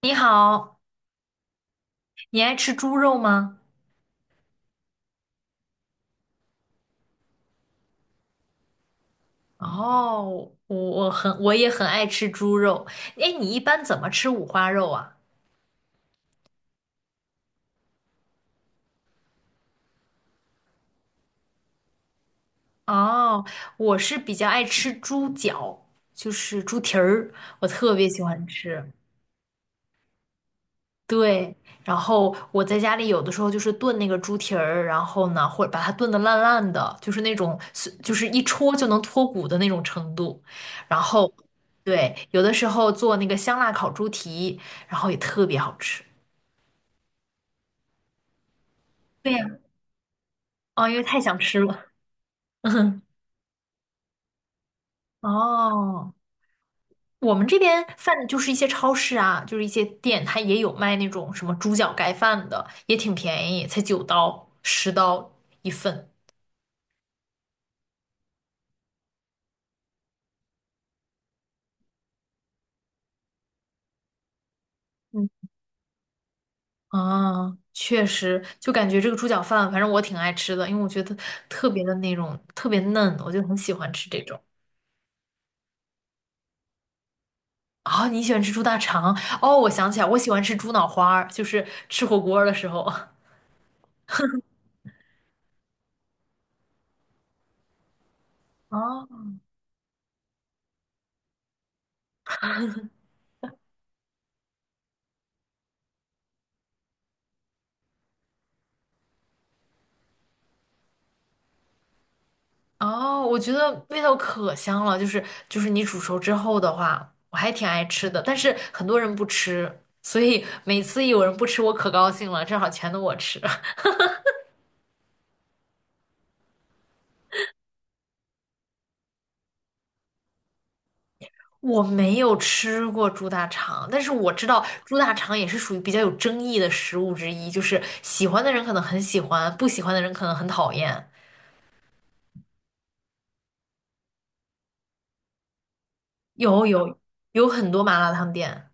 你好，你爱吃猪肉吗？哦，我也很爱吃猪肉。哎，你一般怎么吃五花肉啊？哦，我是比较爱吃猪脚，就是猪蹄儿，我特别喜欢吃。对，然后我在家里有的时候就是炖那个猪蹄儿，然后呢，或者把它炖得烂烂的，就是那种就是一戳就能脱骨的那种程度。然后，对，有的时候做那个香辣烤猪蹄，然后也特别好吃。对呀，哦，因为太想吃了。嗯，哦，我们这边饭就是一些超市啊，就是一些店，它也有卖那种什么猪脚盖饭的，也挺便宜，才九刀、十刀一份。嗯，啊，确实，就感觉这个猪脚饭，反正我挺爱吃的，因为我觉得特别的那种特别嫩，我就很喜欢吃这种。啊、你喜欢吃猪大肠？哦，我想起来，我喜欢吃猪脑花儿，就是吃火锅儿的时候。哦，哦，我觉得味道可香了，就是你煮熟之后的话，我还挺爱吃的，但是很多人不吃，所以每次有人不吃，我可高兴了，正好全都我吃。我没有吃过猪大肠，但是我知道猪大肠也是属于比较有争议的食物之一，就是喜欢的人可能很喜欢，不喜欢的人可能很讨厌。有有很多麻辣烫店，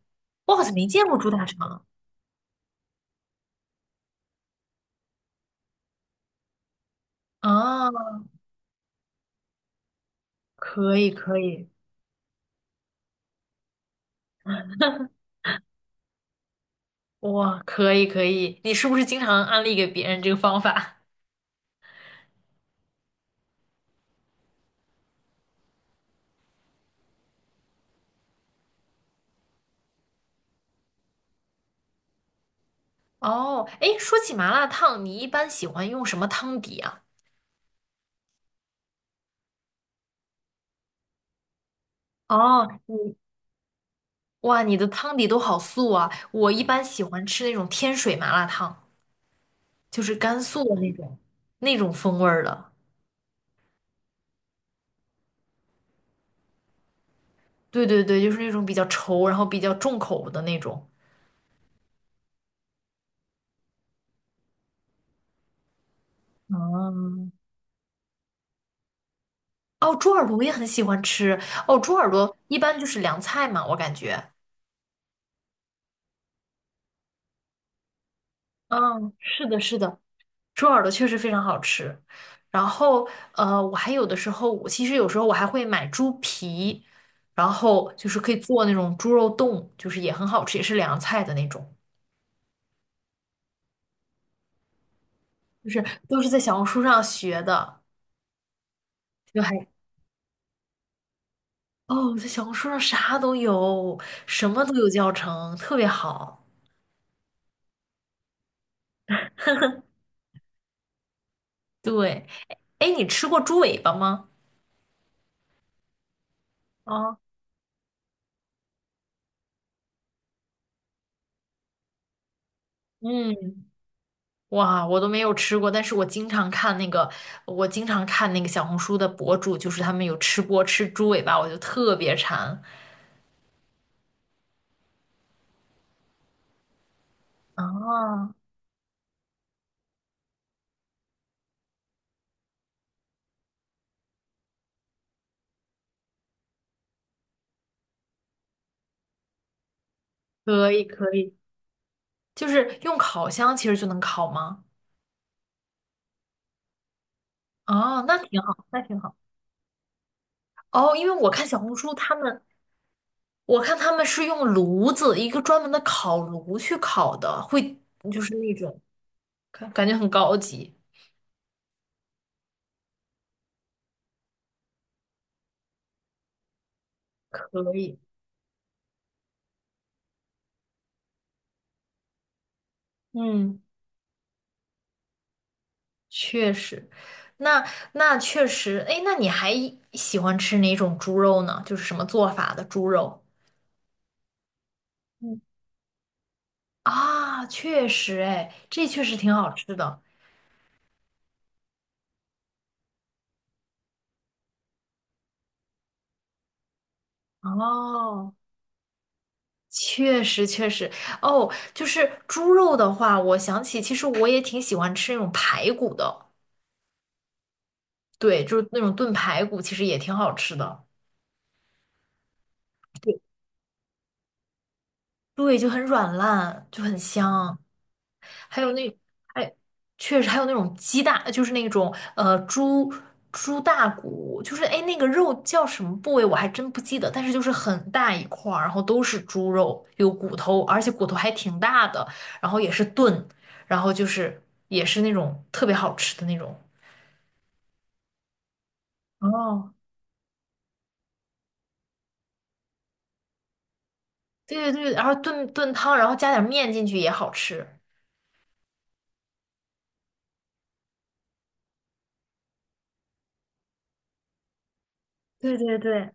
我好像没见过猪大肠啊，可以可以。哇，可以可以，你是不是经常安利给别人这个方法？哦，哎，说起麻辣烫，你一般喜欢用什么汤底啊？哦，你哇，你的汤底都好素啊！我一般喜欢吃那种天水麻辣烫，就是甘肃的那种那种风味儿的。对对对，就是那种比较稠，然后比较重口的那种。嗯，哦，猪耳朵我也很喜欢吃。哦，猪耳朵一般就是凉菜嘛，我感觉。嗯，是的，是的，猪耳朵确实非常好吃。然后，我还有的时候，我其实有时候我还会买猪皮，然后就是可以做那种猪肉冻，就是也很好吃，也是凉菜的那种，就是都是在小红书上学的，就还哦，在小红书上啥都有，什么都有教程，特别好。对，哎，你吃过猪尾巴吗？啊，嗯，哇，我都没有吃过，但是我经常看那个，我经常看那个小红书的博主，就是他们有吃播吃猪尾巴，我就特别馋。啊。可以可以，就是用烤箱其实就能烤吗？啊，那挺好，那挺好。哦，因为我看小红书他们，我看他们是用炉子，一个专门的烤炉去烤的，会就是那种感觉很高级。可以，嗯。确实，那那确实，哎，那你还喜欢吃哪种猪肉呢？就是什么做法的猪肉嗯，啊？确实，哎，这确实挺好吃的。哦，确实确实，哦，就是猪肉的话，我想起其实我也挺喜欢吃那种排骨的，对，就是那种炖排骨，其实也挺好吃的。对，对，就很软烂，就很香。还有那，哎，确实还有那种鸡大，就是那种猪猪大骨，就是哎那个肉叫什么部位我还真不记得，但是就是很大一块儿，然后都是猪肉，有骨头，而且骨头还挺大的，然后也是炖，然后就是也是那种特别好吃的那种。哦，对对对，然后炖炖汤，然后加点面进去也好吃。对对对，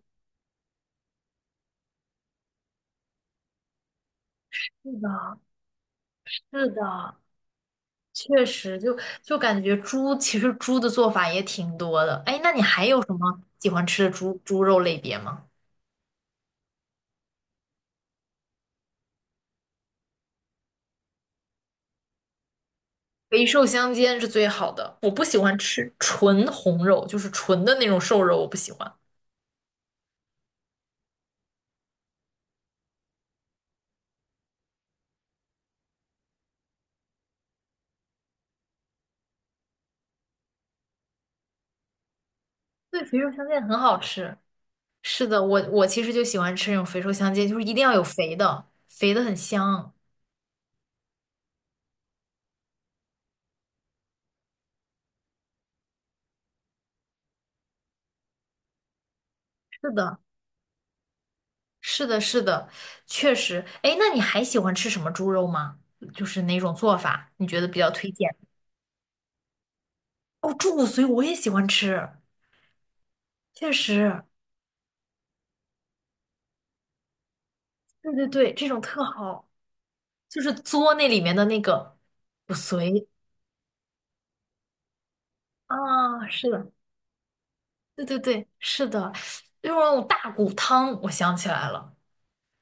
是的，是的。确实就，就感觉猪其实猪的做法也挺多的。哎，那你还有什么喜欢吃的猪猪肉类别吗？肥瘦相间是最好的。我不喜欢吃纯红肉，就是纯的那种瘦肉，我不喜欢。对，肥瘦相间很好吃。是的，我其实就喜欢吃那种肥瘦相间，就是一定要有肥的，肥的很香。是的，是的，是的，确实。哎，那你还喜欢吃什么猪肉吗？就是哪种做法你觉得比较推荐？哦，猪骨髓我也喜欢吃。确实，对对对，这种特好，就是嘬那里面的那个骨髓啊，是的，对对对，是的，就是那种大骨汤，我想起来了，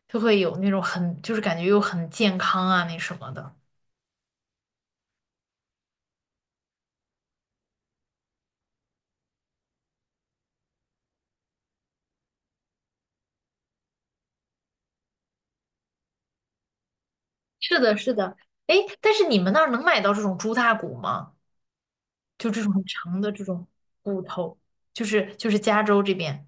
就会有那种很，就是感觉又很健康啊，那什么的。是的，是的，哎，但是你们那儿能买到这种猪大骨吗？就这种很长的这种骨头，就是加州这边。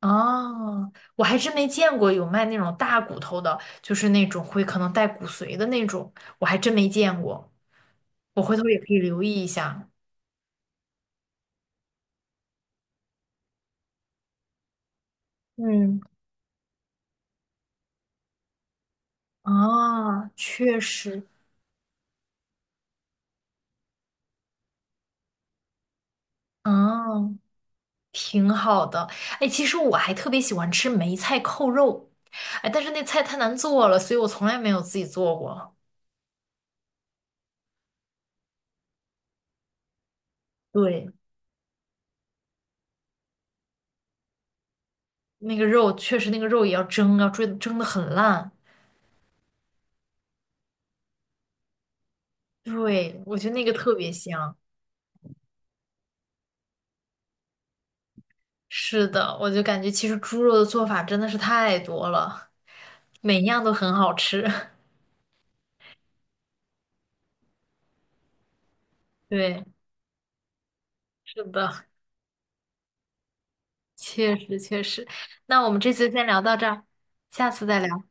哦，我还真没见过有卖那种大骨头的，就是那种会可能带骨髓的那种，我还真没见过。我回头也可以留意一下。嗯，哦，确实，嗯，挺好的。哎，其实我还特别喜欢吃梅菜扣肉，哎，但是那菜太难做了，所以我从来没有自己做过。对，那个肉确实，那个肉也要蒸，要蒸蒸的很烂。对，我觉得那个特别香。是的，我就感觉其实猪肉的做法真的是太多了，每一样都很好吃。对，是的，确实确实。那我们这次先聊到这儿，下次再聊。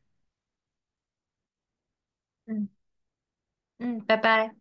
嗯嗯，拜拜。